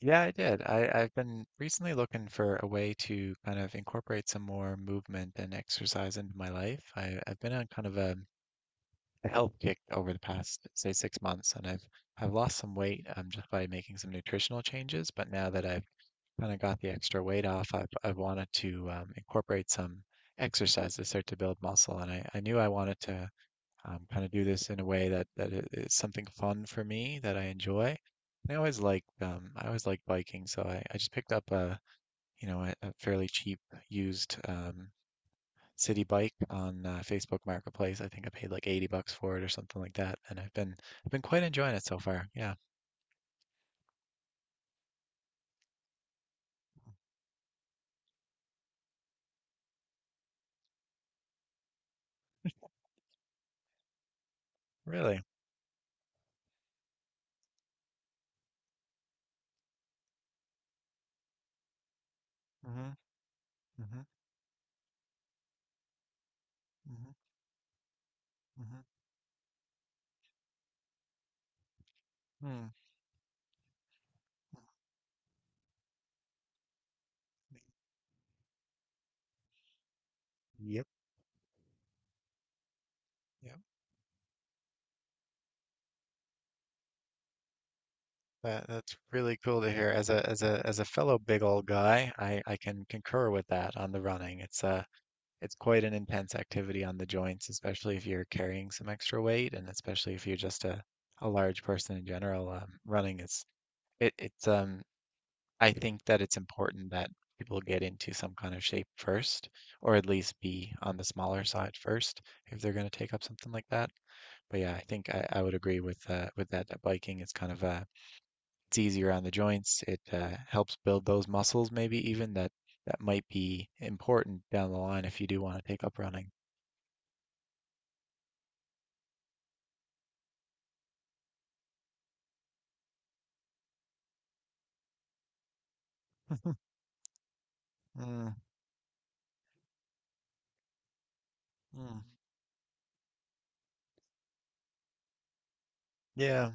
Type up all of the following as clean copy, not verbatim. Yeah, I did. I've been recently looking for a way to kind of incorporate some more movement and exercise into my life. I've been on kind of a health kick over the past, say, 6 months, and I've lost some weight just by making some nutritional changes. But now that I've kind of got the extra weight off, I've wanted to incorporate some exercise to start to build muscle, and I knew I wanted to kind of do this in a way that something fun for me that I enjoy. And I always liked biking, so I just picked up a a fairly cheap used city bike on Facebook Marketplace. I think I paid like $80 for it or something like that, and I've been quite enjoying it so far. Yeah, really. Hmm. Hmm. Hmm. Hmm. Hmm. Yep. Yep. That's really cool to hear. As a fellow big old guy, I can concur with that on the running. It's it's quite an intense activity on the joints, especially if you're carrying some extra weight and especially if you're just a large person in general. Running is it's I think that it's important that people get into some kind of shape first, or at least be on the smaller side first if they're going to take up something like that. But yeah, I think I would agree with that, that biking is kind of it's easier on the joints. It helps build those muscles maybe even that that might be important down the line if you do want to take up running. Mm, mm, yeah.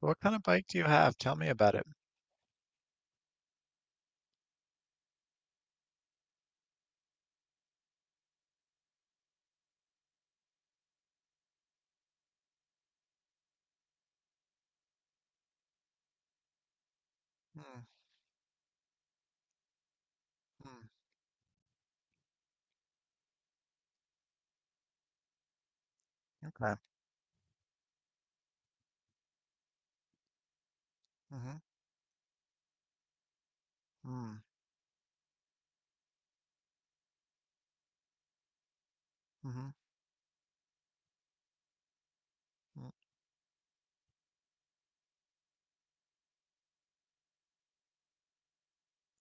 What kind of bike do you have? Tell me about it. Mm, mm, okay. Mm-hmm. Mm, mm-hmm. Mm,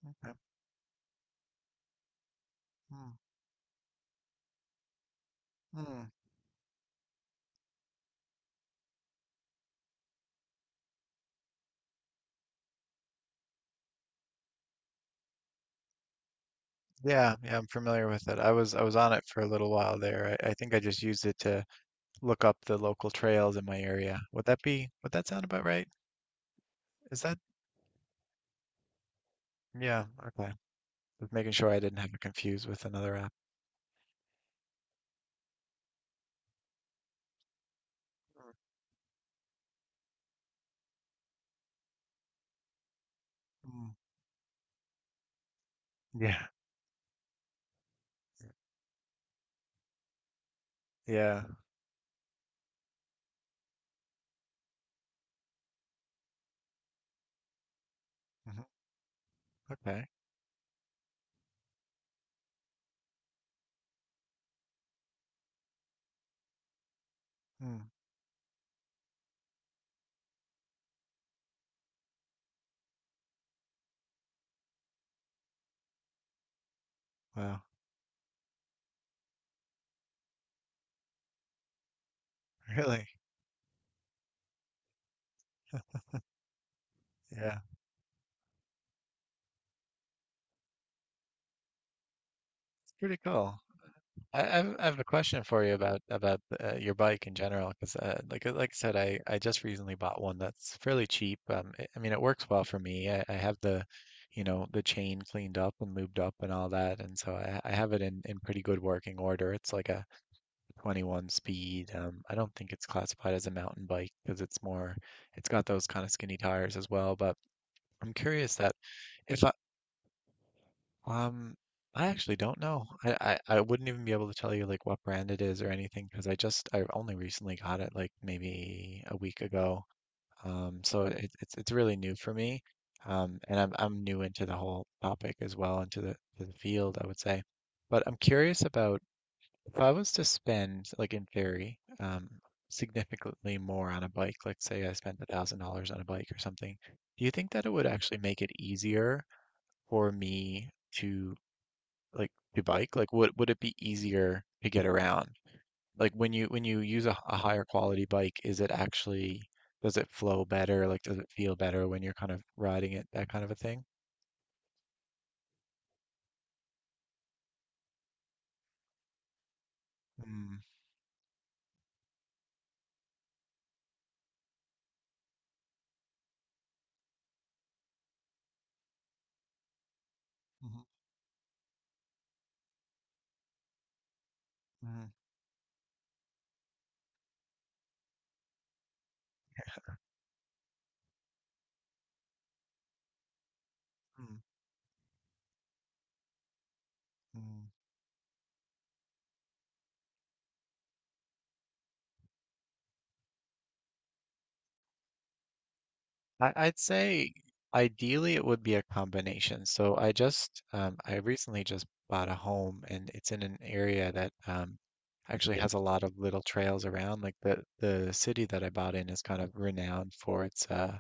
okay. Mm, mm. Yeah, yeah, I'm familiar with it. I was on it for a little while there. I think I just used it to look up the local trails in my area. Would that sound about right? Is that? Yeah, okay. Just making sure I didn't have it confused with another app. Mm. Yeah, yeah. Hmm. Okay. Mm, wow, really? Yeah, it's pretty cool. I have a question for you about your bike in general, because like I said, I just recently bought one that's fairly cheap. I mean, it works well for me. I have the, you know, the chain cleaned up and lubed up and all that, and so I have it in pretty good working order. It's like a 21 speed. I don't think it's classified as a mountain bike because it's more, it's got those kind of skinny tires as well. But I'm curious that if um, I actually don't know. I wouldn't even be able to tell you like what brand it is or anything because I only recently got it like maybe a week ago. So it, it's really new for me. And I'm new into the whole topic as well into the to the field I would say. But I'm curious about if I was to spend like in theory significantly more on a bike, like say I spent $1,000 on a bike or something. Do you think that it would actually make it easier for me to like you bike? Like would it be easier to get around? Like when you use a higher quality bike, is it actually does it flow better? Like does it feel better when you're kind of riding it, that kind of a thing? Mm, mhm, mhm, mm, mm. I'd say ideally it would be a combination. So I just I recently just bought a home and it's in an area that actually has a lot of little trails around. Like the city that I bought in is kind of renowned for its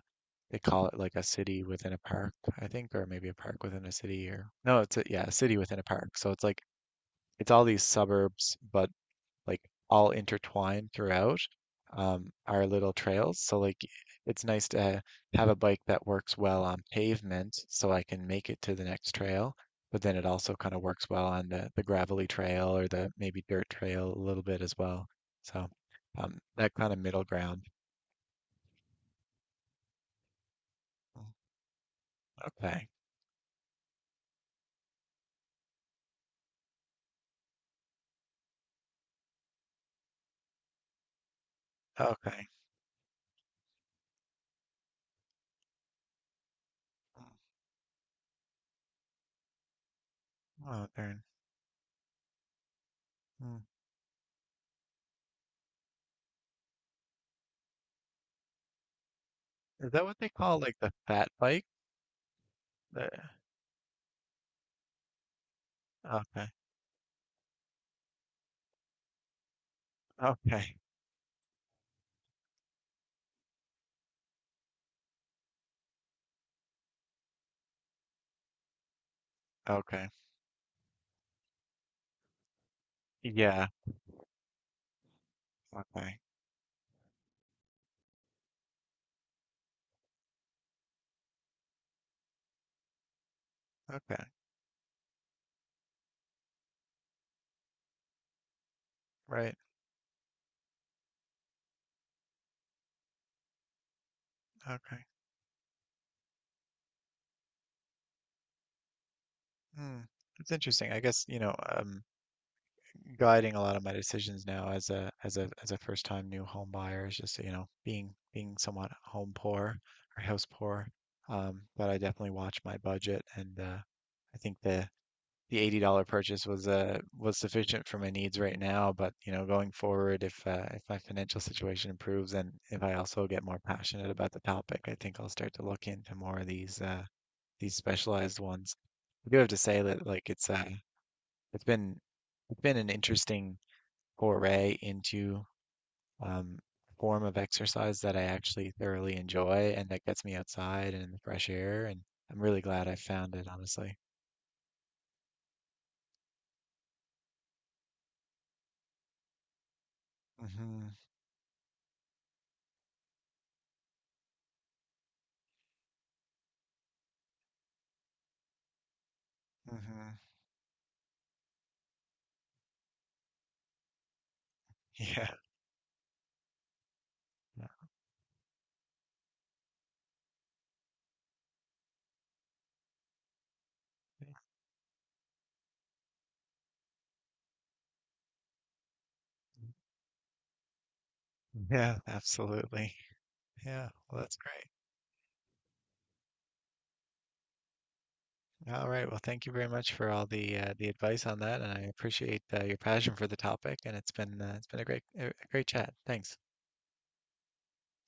they call it like a city within a park, I think, or maybe a park within a city or no, it's a yeah, a city within a park. So it's like it's all these suburbs, but like all intertwined throughout our little trails. So like it's nice to have a bike that works well on pavement so I can make it to the next trail, but then it also kind of works well on the gravelly trail or the maybe dirt trail a little bit as well. So that kind of middle ground. Mm, okay. Okay. Mm, oh, darn. Mm. Is that what they call like the fat bike? The, okay. Okay. Okay. Yeah. Okay. Okay. Right. Okay. Hmm. That's interesting. I guess, you know, guiding a lot of my decisions now as a first time new home buyer is just, you know, being somewhat home poor or house poor. But I definitely watch my budget and I think the $80 purchase was sufficient for my needs right now, but you know, going forward if my financial situation improves and if I also get more passionate about the topic, I think I'll start to look into more of these specialized ones. I do have to say that it's been it's been an interesting foray into um a form of exercise that I actually thoroughly enjoy and that gets me outside and in the fresh air and I'm really glad I found it, honestly. Hmm. Hmm. Yeah. Yeah. Yeah, absolutely. Yeah, well, that's great. All right. Well, thank you very much for all the advice on that, and I appreciate your passion for the topic. And it's been a great chat. Thanks.